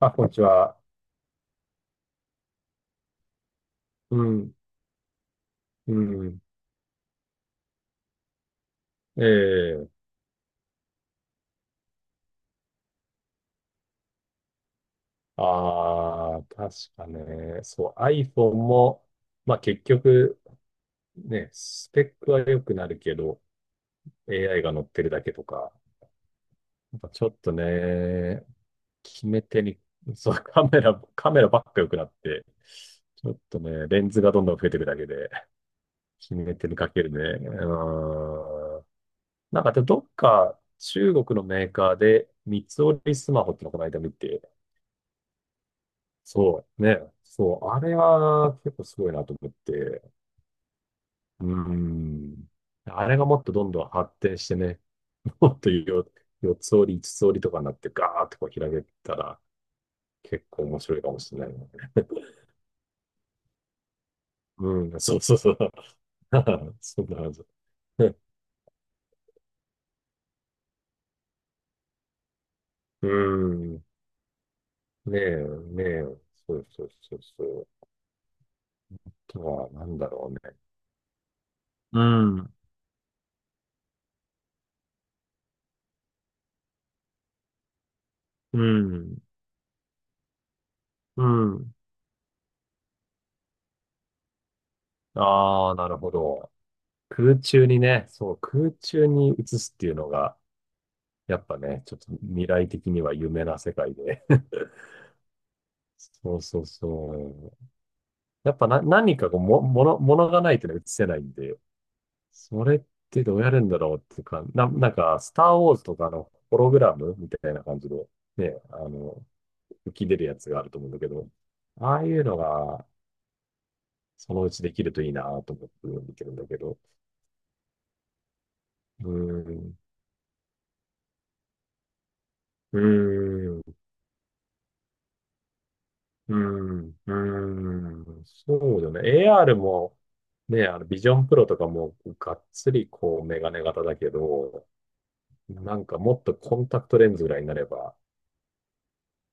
あ、こんにちは。うん、うん。ええああ、確かね。そう、iPhone も、まあ結局、ね、スペックは良くなるけど、AI が乗ってるだけとか、やっぱちょっとね、決め手に、そう、カメラばっか良くなって、ちょっとね、レンズがどんどん増えていくだけで、決め手にかけるね。うん。なんかで、どっか中国のメーカーで、三つ折りスマホってのこの間見て、そう、ね。そう、あれは結構すごいなと思って。うん。あれがもっとどんどん発展してね、もっとよ4つ折り、5つ折りとかになってガーッとこう開けたら結構面白いかもしれないね。うん、そうそうそう。そんなはず。うん。ねえ、ねえ。そうそうそうそう。あとは、なんだろうね。うん、うん、うん。ああ、なるほど。空中にね、そう、空中に移すっていうのが、やっぱね、ちょっと未来的には夢な世界で。そうそうそう。やっぱな、何かこうも、もの、ものがないとね、移せないんで、それってどうやるんだろうっていうか、なんか、スターウォーズとかのホログラムみたいな感じで、ね、あの、浮き出るやつがあると思うんだけど、ああいうのが、そのうちできるといいなと思って見てるんだけど、うーん、うーんうん、うそうだね。AR も、ね、あの、ビジョンプロとかも、がっつり、こう、メガネ型だけど、なんかもっとコンタクトレンズぐらいになれば、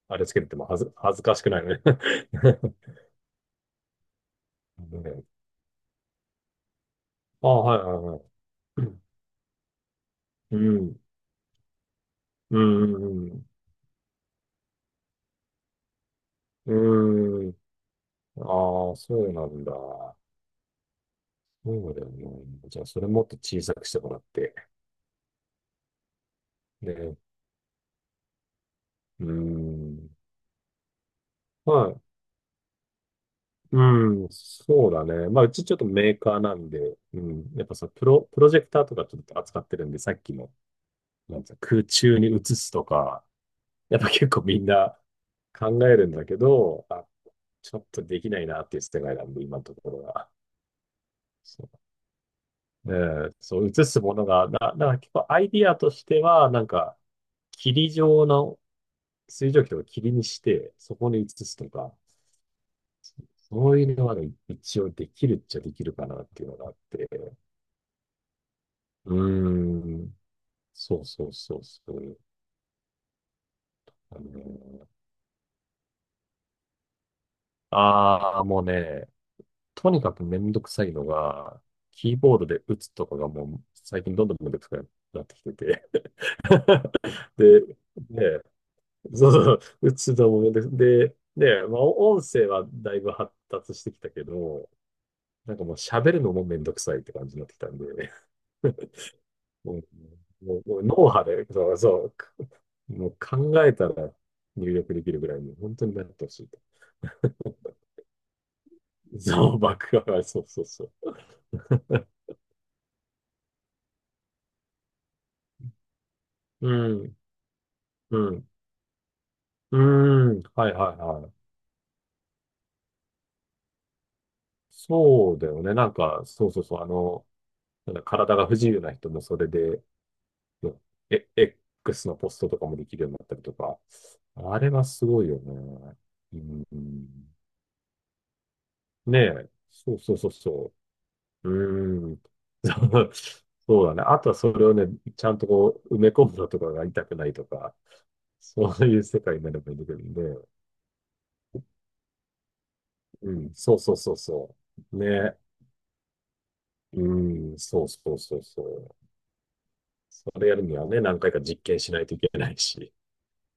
あれつけててもはず、恥ずかしくないよね。ね。あ、はいはいはい。うん、うん、うん、うん。ああ、そうなんだ。そうだよね。じゃあ、それもっと小さくしてもらって。ね。うん。はい。うん、そうだね。まあ、うちちょっとメーカーなんで、うん、やっぱさ、プロジェクターとかちょっと扱ってるんで、さっきの、なんつうの空中に映すとか、やっぱ結構みんな考えるんだけど、あ、ちょっとできないなっていう世界なんで、今のところは。そう、ええそう、映すものが、なんか結構アイディアとしては、なんか、霧状の水蒸気とか霧にして、そこに移すとか、そういうのはね、一応できるっちゃできるかなっていうのがあって、うーん。そうそうそうそう。あのーあー、もうね、とにかくめんどくさいのが、キーボードで打つとかがもう最近どんどんめんどくさくなってきてて。で、ね、そうそう、打つのもめんどくで、ね、まあ、音声はだいぶ発達してきたけど、なんかもう喋るのもめんどくさいって感じになってきたんで、もう、もう脳波で、そうそう、もう考えたら入力できるぐらいに本当になってほしい。そう、バックが、そうそうそう。うん、うん、うん、はいはいはい。そうだよね。なんか、そうそうそう、あの、なんだ、体が不自由な人もそれで、うん、え、X のポストとかもできるようになったりとか、あれはすごいよね。うん、ねえ、そうそうそうそう。うん、そうそうだね。あとはそれをね、ちゃんとこう、埋め込むのとかが痛くないとか、そういう世界になればいいんだけどね。うん、そうそうそうそう。ね。うん、そうそうそうそう。それやるにはね、何回か実験しないといけないし、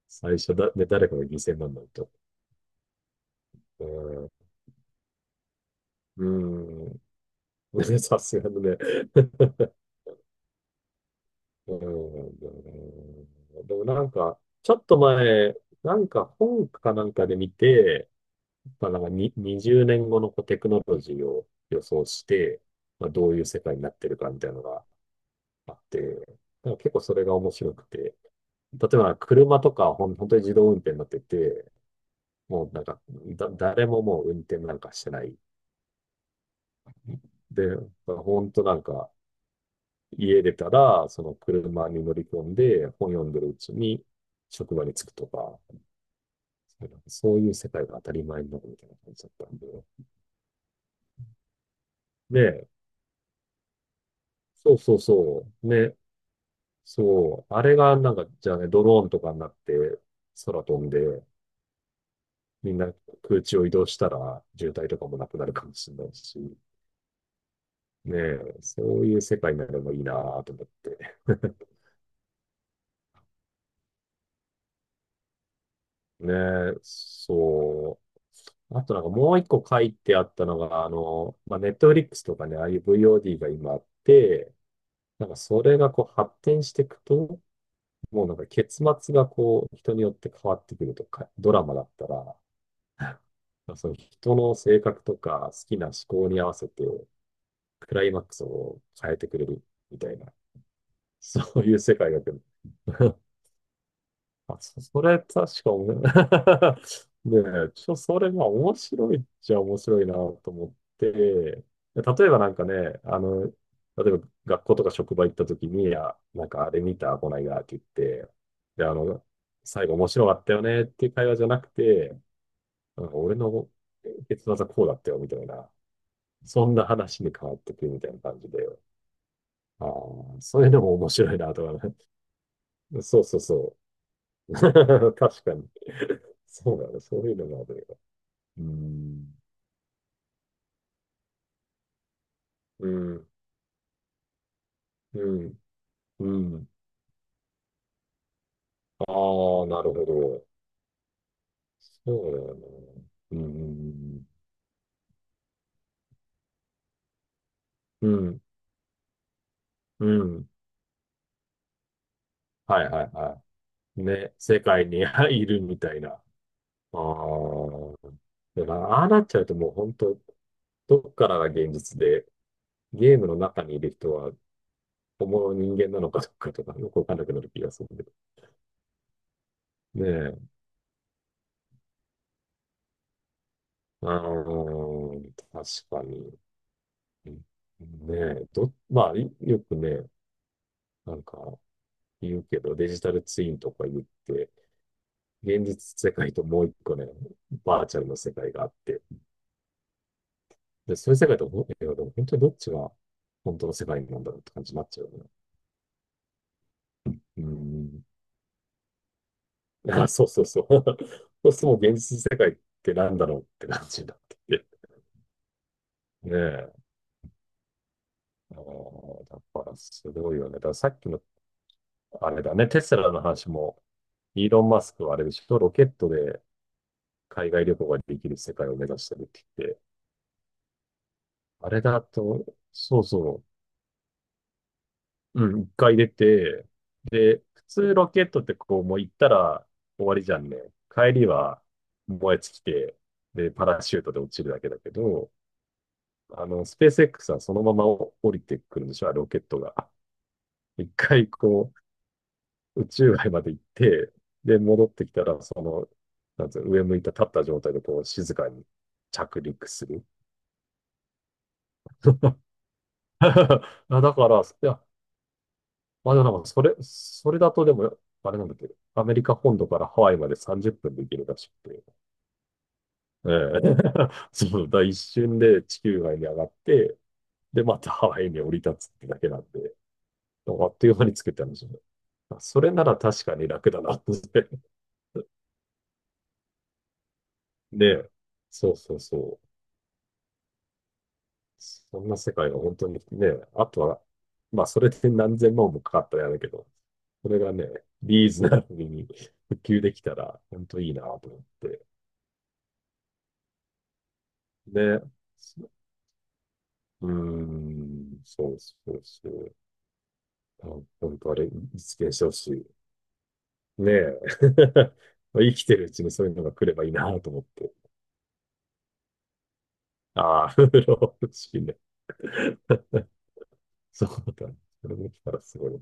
最初だ、ね、誰かが犠牲にならないと。うん、うん、さすがにね。うん、でもなんか、ちょっと前、なんか本かなんかで見て、まあ、なんかに20年後のこうテクノロジーを予想して、まあ、どういう世界になってるかみたいなのがあって、なんか結構それが面白くて、例えば車とかは本当に自動運転になってて、もうなんか、誰ももう運転なんかしてない。で、本当なんか、家出たら、その車に乗り込んで、本読んでるうちに職場に着くとか、そういう世界が当たり前になるみたいな感じだったんで。で、そうそうそう、ね、そう、あれがなんか、じゃあね、ドローンとかになって、空飛んで、みんな空中を移動したら渋滞とかもなくなるかもしれないし、ねえ、そういう世界になればいいなと思って。ねえ、そう。あとなんかもう一個書いてあったのが、あの、まあ、ネットフリックスとかね、ああいう VOD が今あって、なんかそれがこう発展していくと、もうなんか結末がこう人によって変わってくるとか、ドラマだったら、まあその人の性格とか好きな思考に合わせてクライマックスを変えてくれるみたいな、そういう世界が来る。それ確かおね。 ねえ、それまあ面白いっちゃ面白いなと思って、例えばなんかね、あの、例えば学校とか職場行った時に、あ、なんかあれ見た、こないだって言って、で、あの、最後面白かったよねっていう会話じゃなくて、なんか俺の結末はこうだったよみたいな、そんな話に変わってくるみたいな感じで、ああ、そういうのも面白いなとかね。そうそうそう。確かに。そうだね。そういうのがあるよ。うん。うん。うん。うん。ああ、なるほど。そうだよね。うん。うん。うん、うん、はいはいはい。ね。世界に いるみたいな。ああ。でもああなっちゃうともう本当、どっからが現実で、ゲームの中にいる人は本物の人間なのかどうかとかよくわかんなくなる気がするけど。ねえ。ああ、確かに。うん。ねえ、まあ、いよくね、なんか言うけど、デジタルツインとか言って、現実世界ともう一個ね、バーチャルの世界があって、で、そういう世界といやでも本当にどっちが本当の世界なんだろうって感じになっちゃうよね。うん。あ、そうそうそう。そうするともう現実世界ってなんだろうって感じになってて。ねえ。あーだからすごいよね。だからさっきのあれだね、テスラの話も、イーロン・マスクはあれでしょ、ロケットで海外旅行ができる世界を目指してるって言って、あれだと、そうそう、うん、一回出て、で、普通ロケットってこう、もう行ったら終わりじゃんね。帰りは燃え尽きて、で、パラシュートで落ちるだけだけど、あの、スペース X はそのまま降りてくるんでしょ、ロケットが。一回こう、宇宙外まで行って、で、戻ってきたら、その、なんつうの、上向いた立った状態でこう、静かに着陸する。あだから、いや、まあでもなんか、それだとでも、あれなんだっけど、アメリカ本土からハワイまで30分で行けるらしくて、ええ そう、だから一瞬で地球外に上がって、で、またハワイに降り立つってだけなんで、あっという間に作ったんですよね。それなら確かに楽だなって。ねえ、そうそうそう。そんな世界が本当にね、あとは、まあそれで何千万もかかったやだけど、それがね、リーズナブルに普及できたら、本当いいなと思って。ね。うーん、そうそうそう。あ、本当あれ、実現してほしい。ねえ。まあ生きてるうちにそういうのが来ればいいなと思って。ああ、風呂欲しいね。そうだ。それできたらすごいね。